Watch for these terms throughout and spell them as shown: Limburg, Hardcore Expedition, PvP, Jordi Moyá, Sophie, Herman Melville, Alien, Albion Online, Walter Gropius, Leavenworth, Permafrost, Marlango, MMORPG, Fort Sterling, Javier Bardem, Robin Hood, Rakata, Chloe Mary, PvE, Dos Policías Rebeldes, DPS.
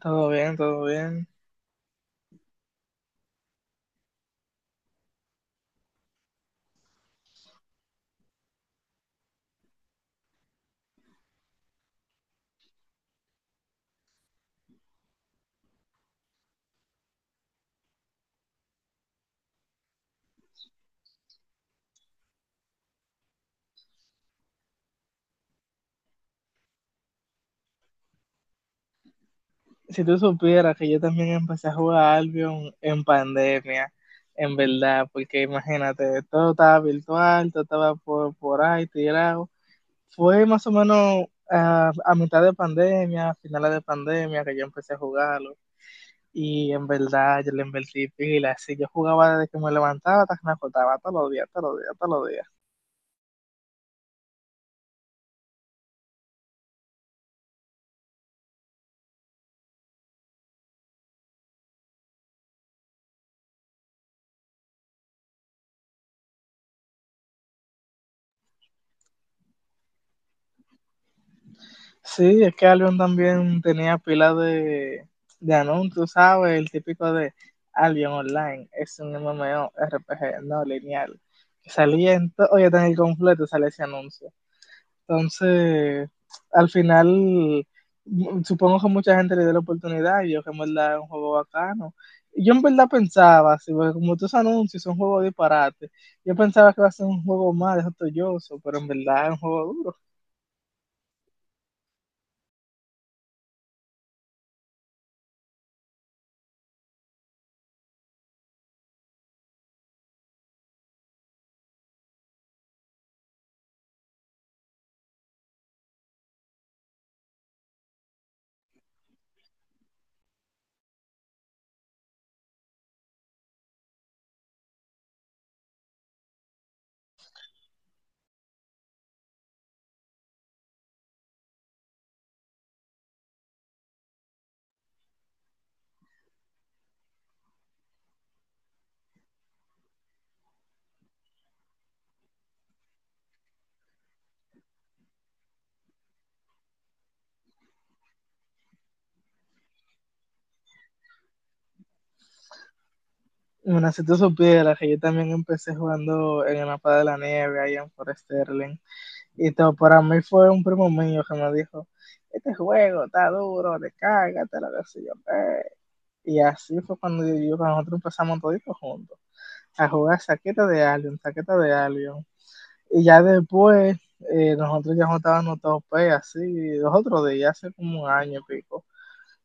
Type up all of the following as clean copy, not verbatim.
Todo bien, todo bien. Si tú supieras que yo también empecé a jugar Albion en pandemia, en verdad, porque imagínate, todo estaba virtual, todo estaba por ahí tirado. Fue más o menos a mitad de pandemia, a finales de pandemia, que yo empecé a jugarlo. Y en verdad, yo le invertí pila. Así yo jugaba desde que me levantaba hasta que me acostaba, todos los días, todos los días, todos los días. Sí, es que Albion también tenía pila de anuncios, ¿sabes? El típico de Albion Online, es un MMORPG no lineal. Que salía en todo, oye, tan el completo sale ese anuncio. Entonces, al final, supongo que mucha gente le dio la oportunidad y yo que en verdad es un juego bacano. Y yo en verdad pensaba, así, porque como tus anuncios son juegos de disparate, yo pensaba que iba a ser un juego más de joyoso, pero en verdad es un juego duro. Bueno, si tú supieras que yo también empecé jugando en el mapa de la nieve, ahí en Fort Sterling, y todo, para mí fue un primo mío que me dijo, este juego está duro, descárgate, lo que sé yo. Eh". Y así fue cuando cuando nosotros empezamos toditos juntos a jugar saqueta de Alien, saqueta de Alien. Y ya después, nosotros ya juntábamos tope, así, los otros días, hace como un año y pico.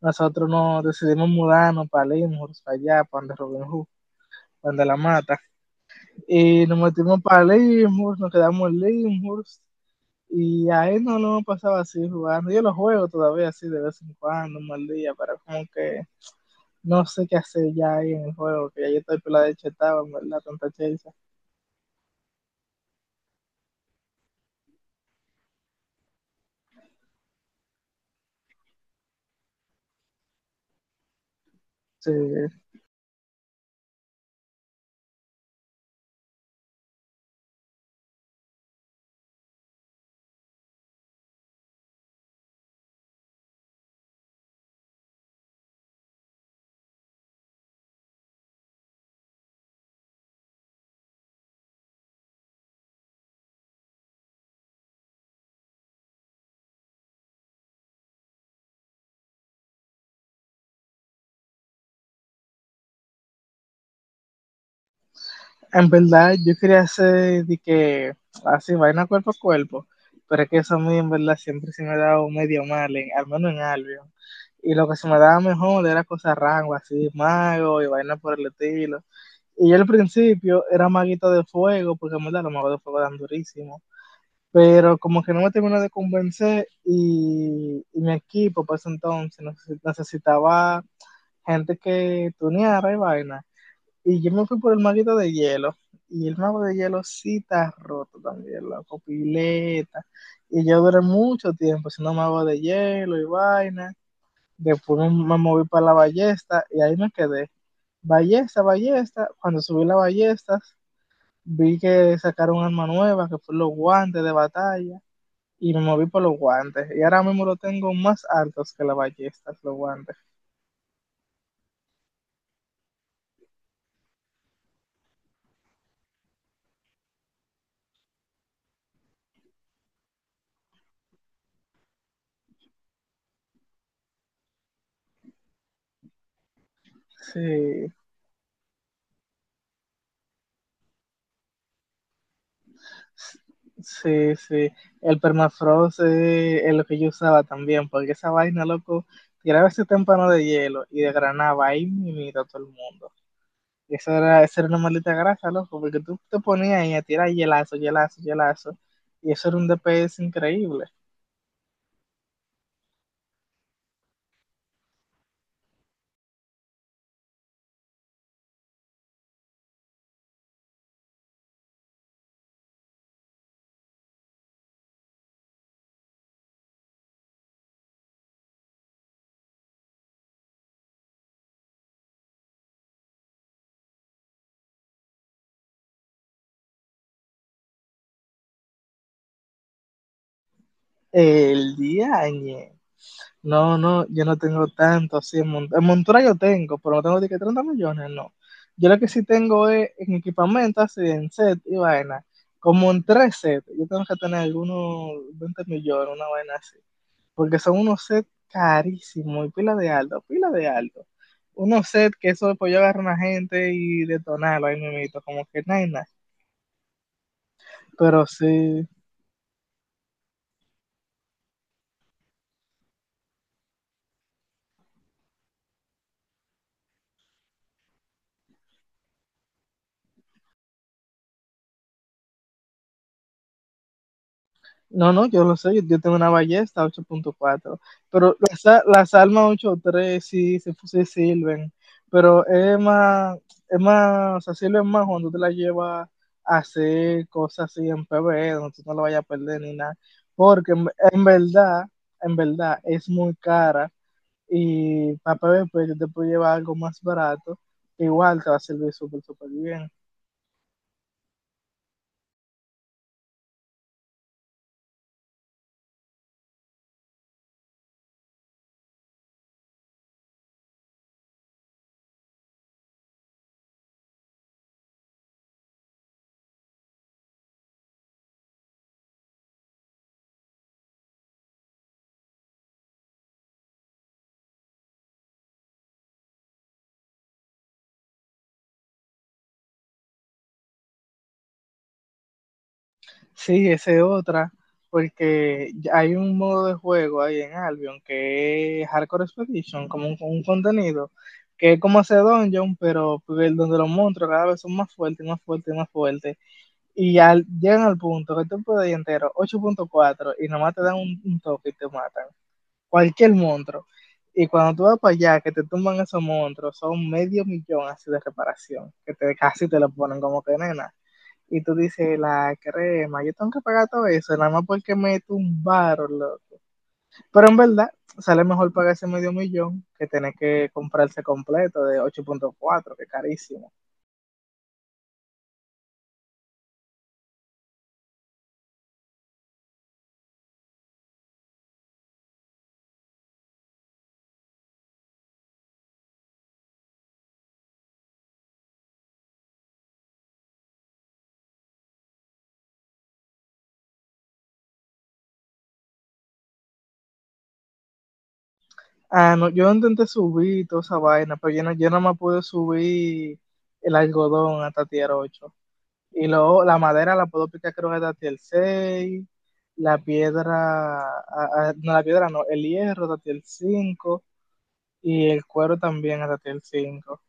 Nosotros nos decidimos mudarnos para Limburg, para allá, para donde Robin Hood, para donde la mata. Y nos metimos para Leavenworth, nos quedamos en Leavenworth. Y ahí no lo pasaba así jugando. Yo lo juego todavía así de vez en cuando, un mal día, pero como que no sé qué hacer ya ahí en el juego, que ya yo estoy pelada de chetado, en verdad, tanta chelcha. Sí. En verdad, yo quería hacer de que así, vaina cuerpo a cuerpo, pero es que eso a mí en verdad siempre se me ha dado medio mal, al menos en Albion. Y lo que se me daba mejor era cosas rango, así, mago y vaina por el estilo. Y al principio era maguito de fuego, porque en verdad los magos de fuego eran durísimos. Pero como que no me terminó de convencer y mi equipo para ese entonces necesitaba gente que tuneara y vaina. Y yo me fui por el maguito de hielo. Y el mago de hielo sí está roto también, la copileta. Y yo duré mucho tiempo siendo mago de hielo y vaina. Después me moví para la ballesta y ahí me quedé. Ballesta, ballesta. Cuando subí las ballestas, vi que sacaron un arma nueva, que fue los guantes de batalla, y me moví por los guantes. Y ahora mismo lo tengo más altos que las ballestas, los guantes. Sí, sí, sí. El permafrost es lo que yo usaba también, porque esa vaina, loco, tiraba ese témpano de hielo y desgranaba ahí mimito a todo el mundo. Y esa era una maldita grasa, loco, porque tú te ponías ahí a tirar hielazo, hielazo, hielazo, y eso era un DPS increíble. El día añe. No, no, yo no tengo tanto así en montura. En montura yo tengo, pero no tengo de que 30 millones, no. Yo lo que sí tengo es en equipamiento, así en set y vaina. Como en tres sets, yo tengo que tener algunos 20 millones, una vaina así. Porque son unos sets carísimos y pila de alto, pila de alto. Unos sets que eso después yo agarro a una gente y detonarlo ahí mismo, como que nada, y nada. Pero sí, no, no, yo lo sé, yo tengo una ballesta 8.4, pero las armas 8.3 sí, se sí sirven, pero es más, o sea, sirven más cuando te la llevas a hacer cosas así en P PvE, donde tú no la vayas a perder ni nada, porque en verdad, en verdad es muy cara y para P PvP yo te puedo llevar algo más barato, igual te va a servir súper, súper bien. Sí, esa es otra, porque ya hay un modo de juego ahí en Albion que es Hardcore Expedition, como un contenido, que es como hacer dungeon, donde los monstruos cada vez son más fuertes, más fuertes, más fuertes. Llegan al punto que tú puedes ir entero ocho punto cuatro, y nomás te dan un toque y te matan. Cualquier monstruo. Y cuando tú vas para allá, que te tumban esos monstruos, son medio millón así de reparación, que casi te lo ponen como que nena. Y tú dices, la crema, yo tengo que pagar todo eso, nada más porque me tumbaron, loco. Pero en verdad, sale mejor pagarse medio millón que tener que comprarse completo de ocho punto cuatro que es carísimo. Ah, no, yo intenté subir toda esa vaina, pero yo nada más pude subir el algodón hasta tier ocho. Y luego la madera la puedo picar creo que hasta tier seis. La piedra, a ah, no, la piedra no, el hierro hasta tier cinco. Y el cuero también hasta tier cinco.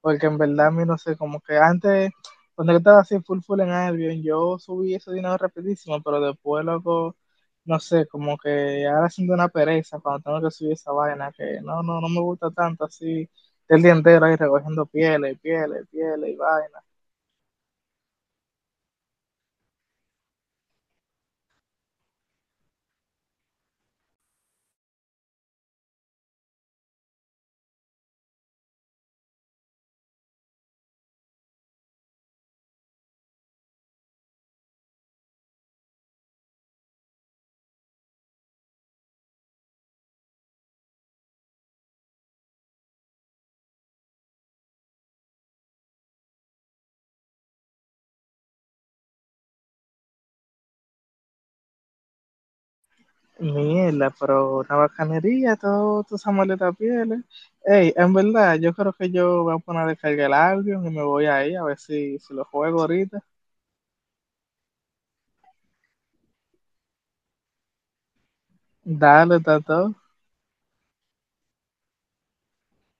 Porque en verdad a mí no sé, como que antes, cuando yo estaba así full full en Albion, yo subí ese dinero rapidísimo, pero después, loco, no sé, como que ahora siento una pereza cuando tengo que subir esa vaina, que no me gusta tanto así, el día entero ahí recogiendo pieles, pieles, pieles y vaina. Mierda, pero una bacanería, todo, toda esa maleta pieles. Ey, en verdad, yo creo que yo voy a poner a descargar el Albion y me voy ahí a ver si lo juego ahorita. Dale, Tato.